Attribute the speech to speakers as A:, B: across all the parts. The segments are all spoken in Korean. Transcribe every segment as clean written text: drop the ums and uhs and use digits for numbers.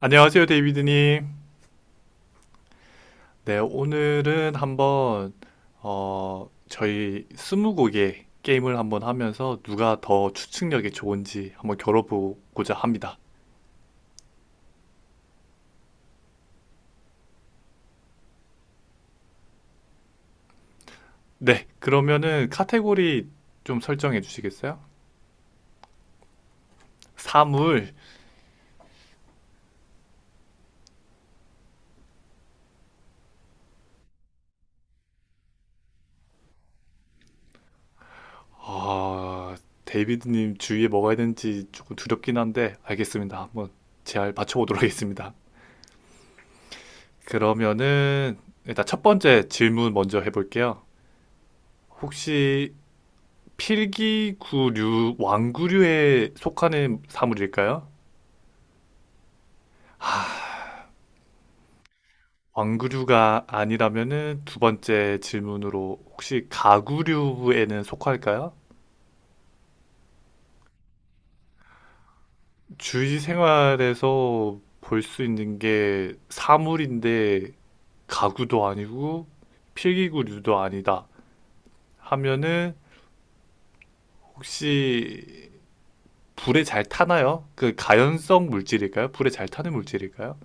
A: 안녕하세요, 데이비드님. 네, 오늘은 한번, 저희 스무고개 게임을 한번 하면서 누가 더 추측력이 좋은지 한번 겨뤄보고자 합니다. 네, 그러면은 카테고리 좀 설정해 주시겠어요? 사물. 아, 데이비드님 주위에 뭐가 있는지 조금 두렵긴 한데, 알겠습니다. 한번 잘 맞춰보도록 하겠습니다. 그러면은, 일단 첫 번째 질문 먼저 해볼게요. 혹시 필기구류, 왕구류에 속하는 사물일까요? 왕구류가 아니라면은 두 번째 질문으로 혹시 가구류에는 속할까요? 주위 생활에서 볼 수 있는 게 사물인데 가구도 아니고 필기구류도 아니다 하면은 혹시 불에 잘 타나요? 그 가연성 물질일까요? 불에 잘 타는 물질일까요?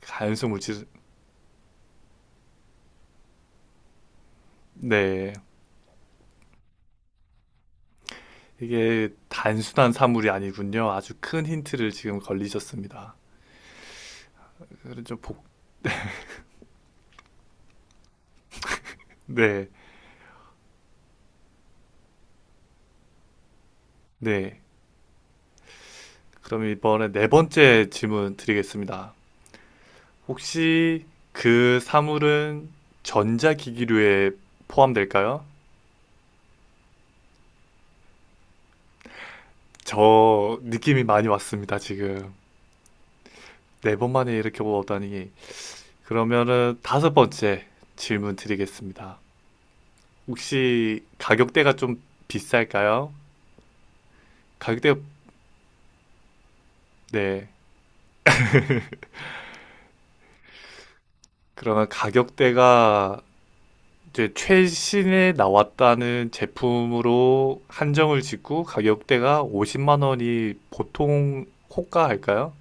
A: 가연성 물질, 네. 이게 단순한 사물이 아니군요. 아주 큰 힌트를 지금 걸리셨습니다. 그래서 좀 복, 네, 네. 그럼 이번에 네 번째 질문 드리겠습니다. 혹시 그 사물은 전자기기류에 포함될까요? 저 느낌이 많이 왔습니다, 지금. 네 번 만에 이렇게 오다니. 그러면은 다섯 번째 질문 드리겠습니다. 혹시 가격대가 좀 비쌀까요? 가격대, 네. 그러면 가격대가 이제 최신에 나왔다는 제품으로 한정을 짓고 가격대가 50만 원이 보통 호가할까요?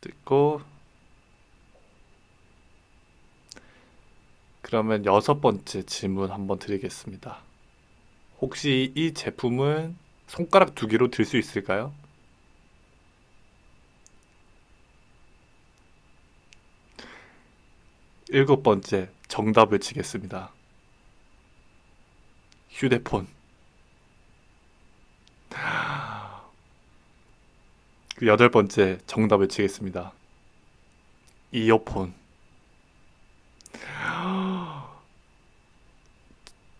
A: 듣고 그러면 여섯 번째 질문 한번 드리겠습니다. 혹시 이 제품은 손가락 두 개로 들 수 있을까요? 일곱 번째 정답을 치겠습니다. 휴대폰. 그 여덟 번째 정답을 치겠습니다. 이어폰.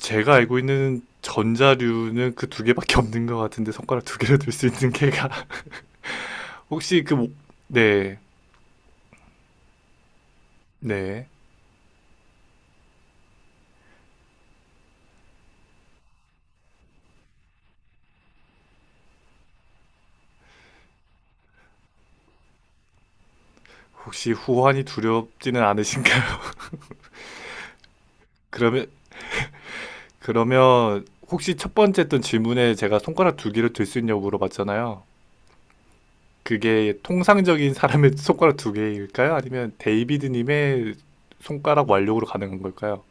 A: 제가 알고 있는 전자류는 그 두 개밖에 없는 것 같은데 손가락 두 개로 들 수 있는 게가 혹시 그 모- 네, 네. 혹시 후환이 두렵지는 않으신가요? 그러면 혹시 첫 번째 했던 질문에 제가 손가락 두 개를 들 수 있냐고 물어봤잖아요. 그게 통상적인 사람의 손가락 두 개일까요? 아니면 데이비드 님의 손가락 완력으로 가능한 걸까요?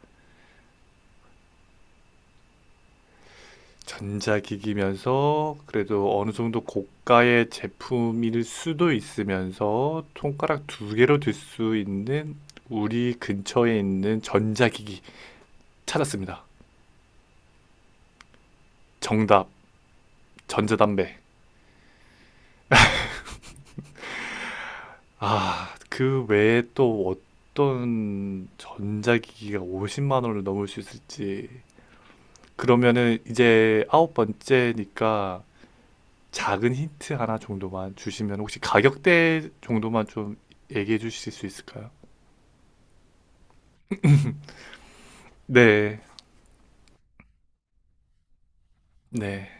A: 전자기기면서 그래도 어느 정도 고가의 제품일 수도 있으면서 손가락 두 개로 들 수 있는 우리 근처에 있는 전자기기 찾았습니다. 정답 전자담배. 아, 그 외에 또 어떤 전자기기가 50만 원을 넘을 수 있을지. 그러면은 이제 아홉 번째니까 작은 힌트 하나 정도만 주시면 혹시 가격대 정도만 좀 얘기해 주실 수 있을까요? 네, 네.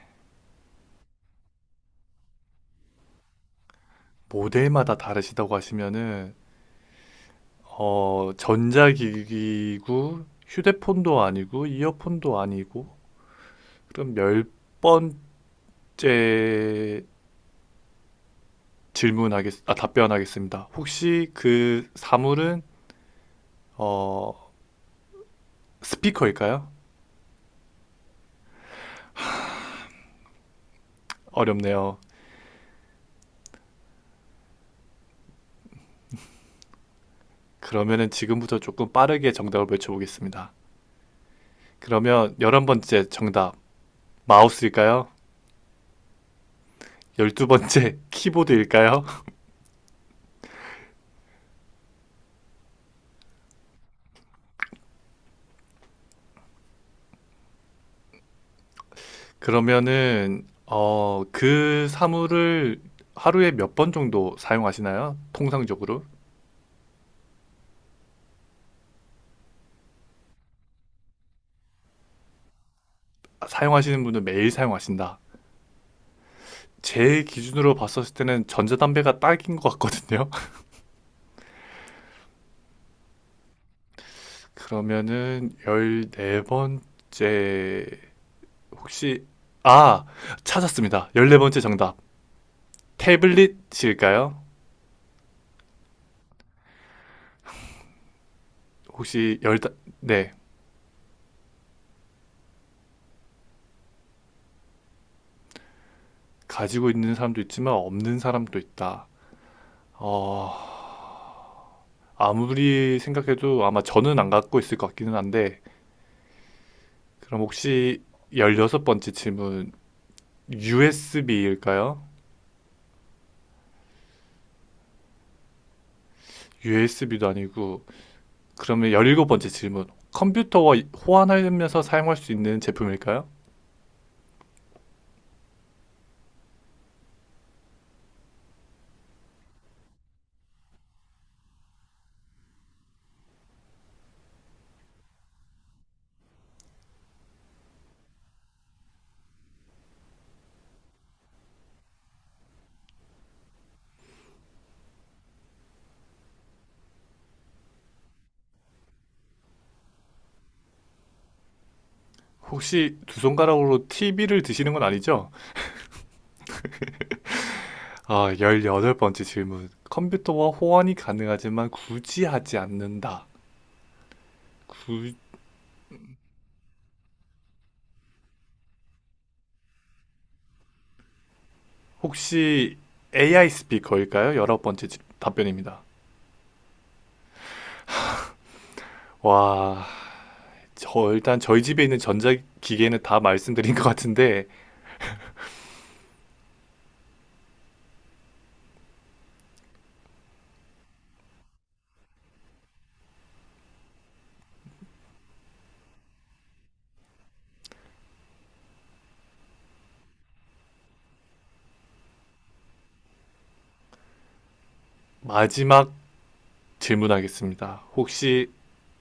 A: 모델마다 다르시다고 하시면은 전자기기고 휴대폰도 아니고 이어폰도 아니고 그럼 열 번째 질문하겠, 아, 답변하겠습니다. 혹시 그 사물은 어, 스피커일까요? 어렵네요. 그러면은 지금부터 조금 빠르게 정답을 외쳐보겠습니다. 그러면 열한 번째 정답 마우스일까요? 열두 번째 키보드일까요? 그러면은 그 사물을 하루에 몇 번 정도 사용하시나요? 통상적으로 아, 사용하시는 분은 매일 사용하신다. 제 기준으로 봤었을 때는 전자담배가 딱인 것 같거든요. 그러면은 열네번째 혹시 아, 찾았습니다. 열네번째 정답. 태블릿일까요? 혹시 열 네. 가지고 있는 사람도 있지만 없는 사람도 있다. 어, 아무리 생각해도 아마 저는 안 갖고 있을 것 같기는 한데 그럼 혹시 열여섯번째 질문 USB일까요? USB도 아니고 그러면 열일곱번째 질문 컴퓨터와 호환하면서 사용할 수 있는 제품일까요? 혹시 두 손가락으로 TV를 드시는 건 아니죠? 아, 열여덟 번째 질문. 컴퓨터와 호환이 가능하지만 굳이 하지 않는다. 구- 혹시 AI 스피커일까요? 열 열아홉 번째 질- 답변입니다. 와, 저 일단 저희 집에 있는 전자기기는 다 말씀드린 것 같은데 마지막 질문하겠습니다. 혹시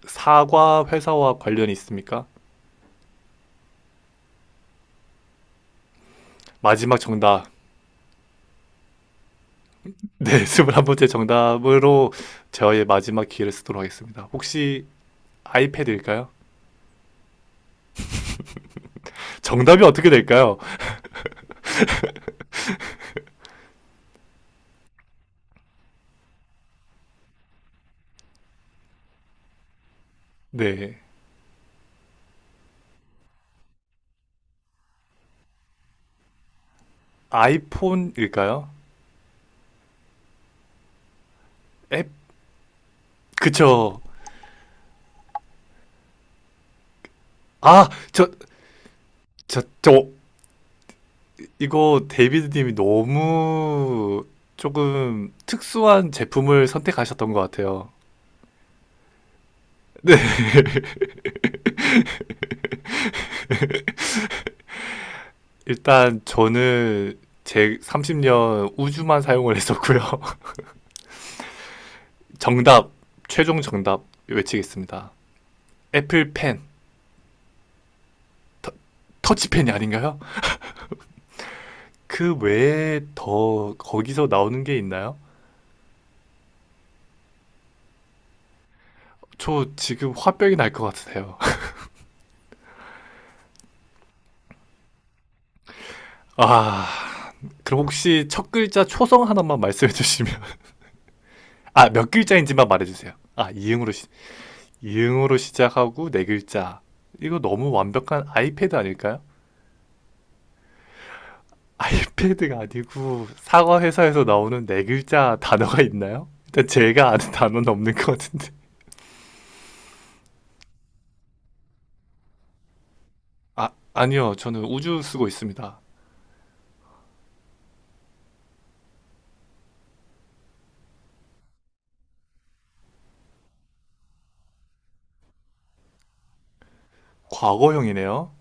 A: 사과 회사와 관련이 있습니까? 마지막 정답. 네, 스물한번째 정답으로 저의 마지막 기회를 쓰도록 하겠습니다. 혹시 아이패드일까요? 정답이 어떻게 될까요? 네. 아이폰일까요? 앱? 그쵸. 아, 저, 이거 데이비드님이 너무 조금 특수한 제품을 선택하셨던 것 같아요. 네. 일단 저는 제 30년 우주만 사용을 했었고요. 정답, 최종 정답 외치겠습니다. 애플펜, 터, 터치펜이 아닌가요? 그 외에 더 거기서 나오는 게 있나요? 저 지금 화병이 날 것 같으세요. 아, 그럼 혹시 첫 글자 초성 하나만 말씀해 주시면. 아, 몇 글자인지만 말해 주세요. 아, 이응으로, 시, 이응으로 시작하고 네 글자. 이거 너무 완벽한 아이패드 아닐까요? 아이패드가 아니고 사과 회사에서 나오는 네 글자 단어가 있나요? 일단 제가 아는 단어는 없는 것 같은데. 아, 아니요. 저는 우주 쓰고 있습니다. 과거형이네요.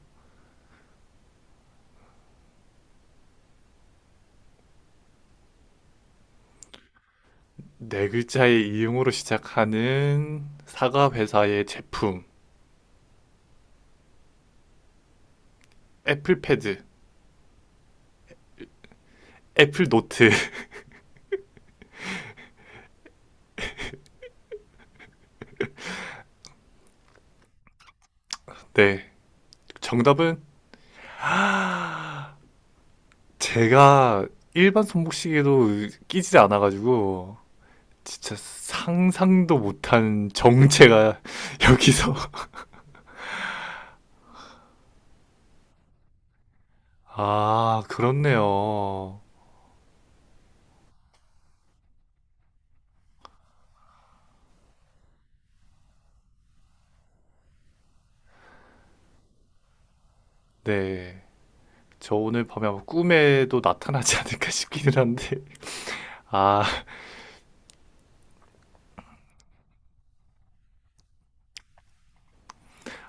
A: 네 글자의 이응으로 시작하는 사과 회사의 제품. 애플패드. 애플 노트. 네. 정답은 제가 일반 손목시계도 끼지 않아가지고 진짜 상상도 못한 정체가 여기서 아 그렇네요. 네. 저 오늘 밤에 아마 꿈에도 나타나지 않을까 싶기는 한데 아,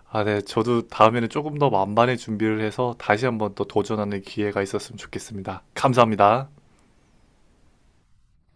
A: 아, 네. 저도 다음에는 조금 더 만반의 준비를 해서 다시 한번 또 도전하는 기회가 있었으면 좋겠습니다. 감사합니다.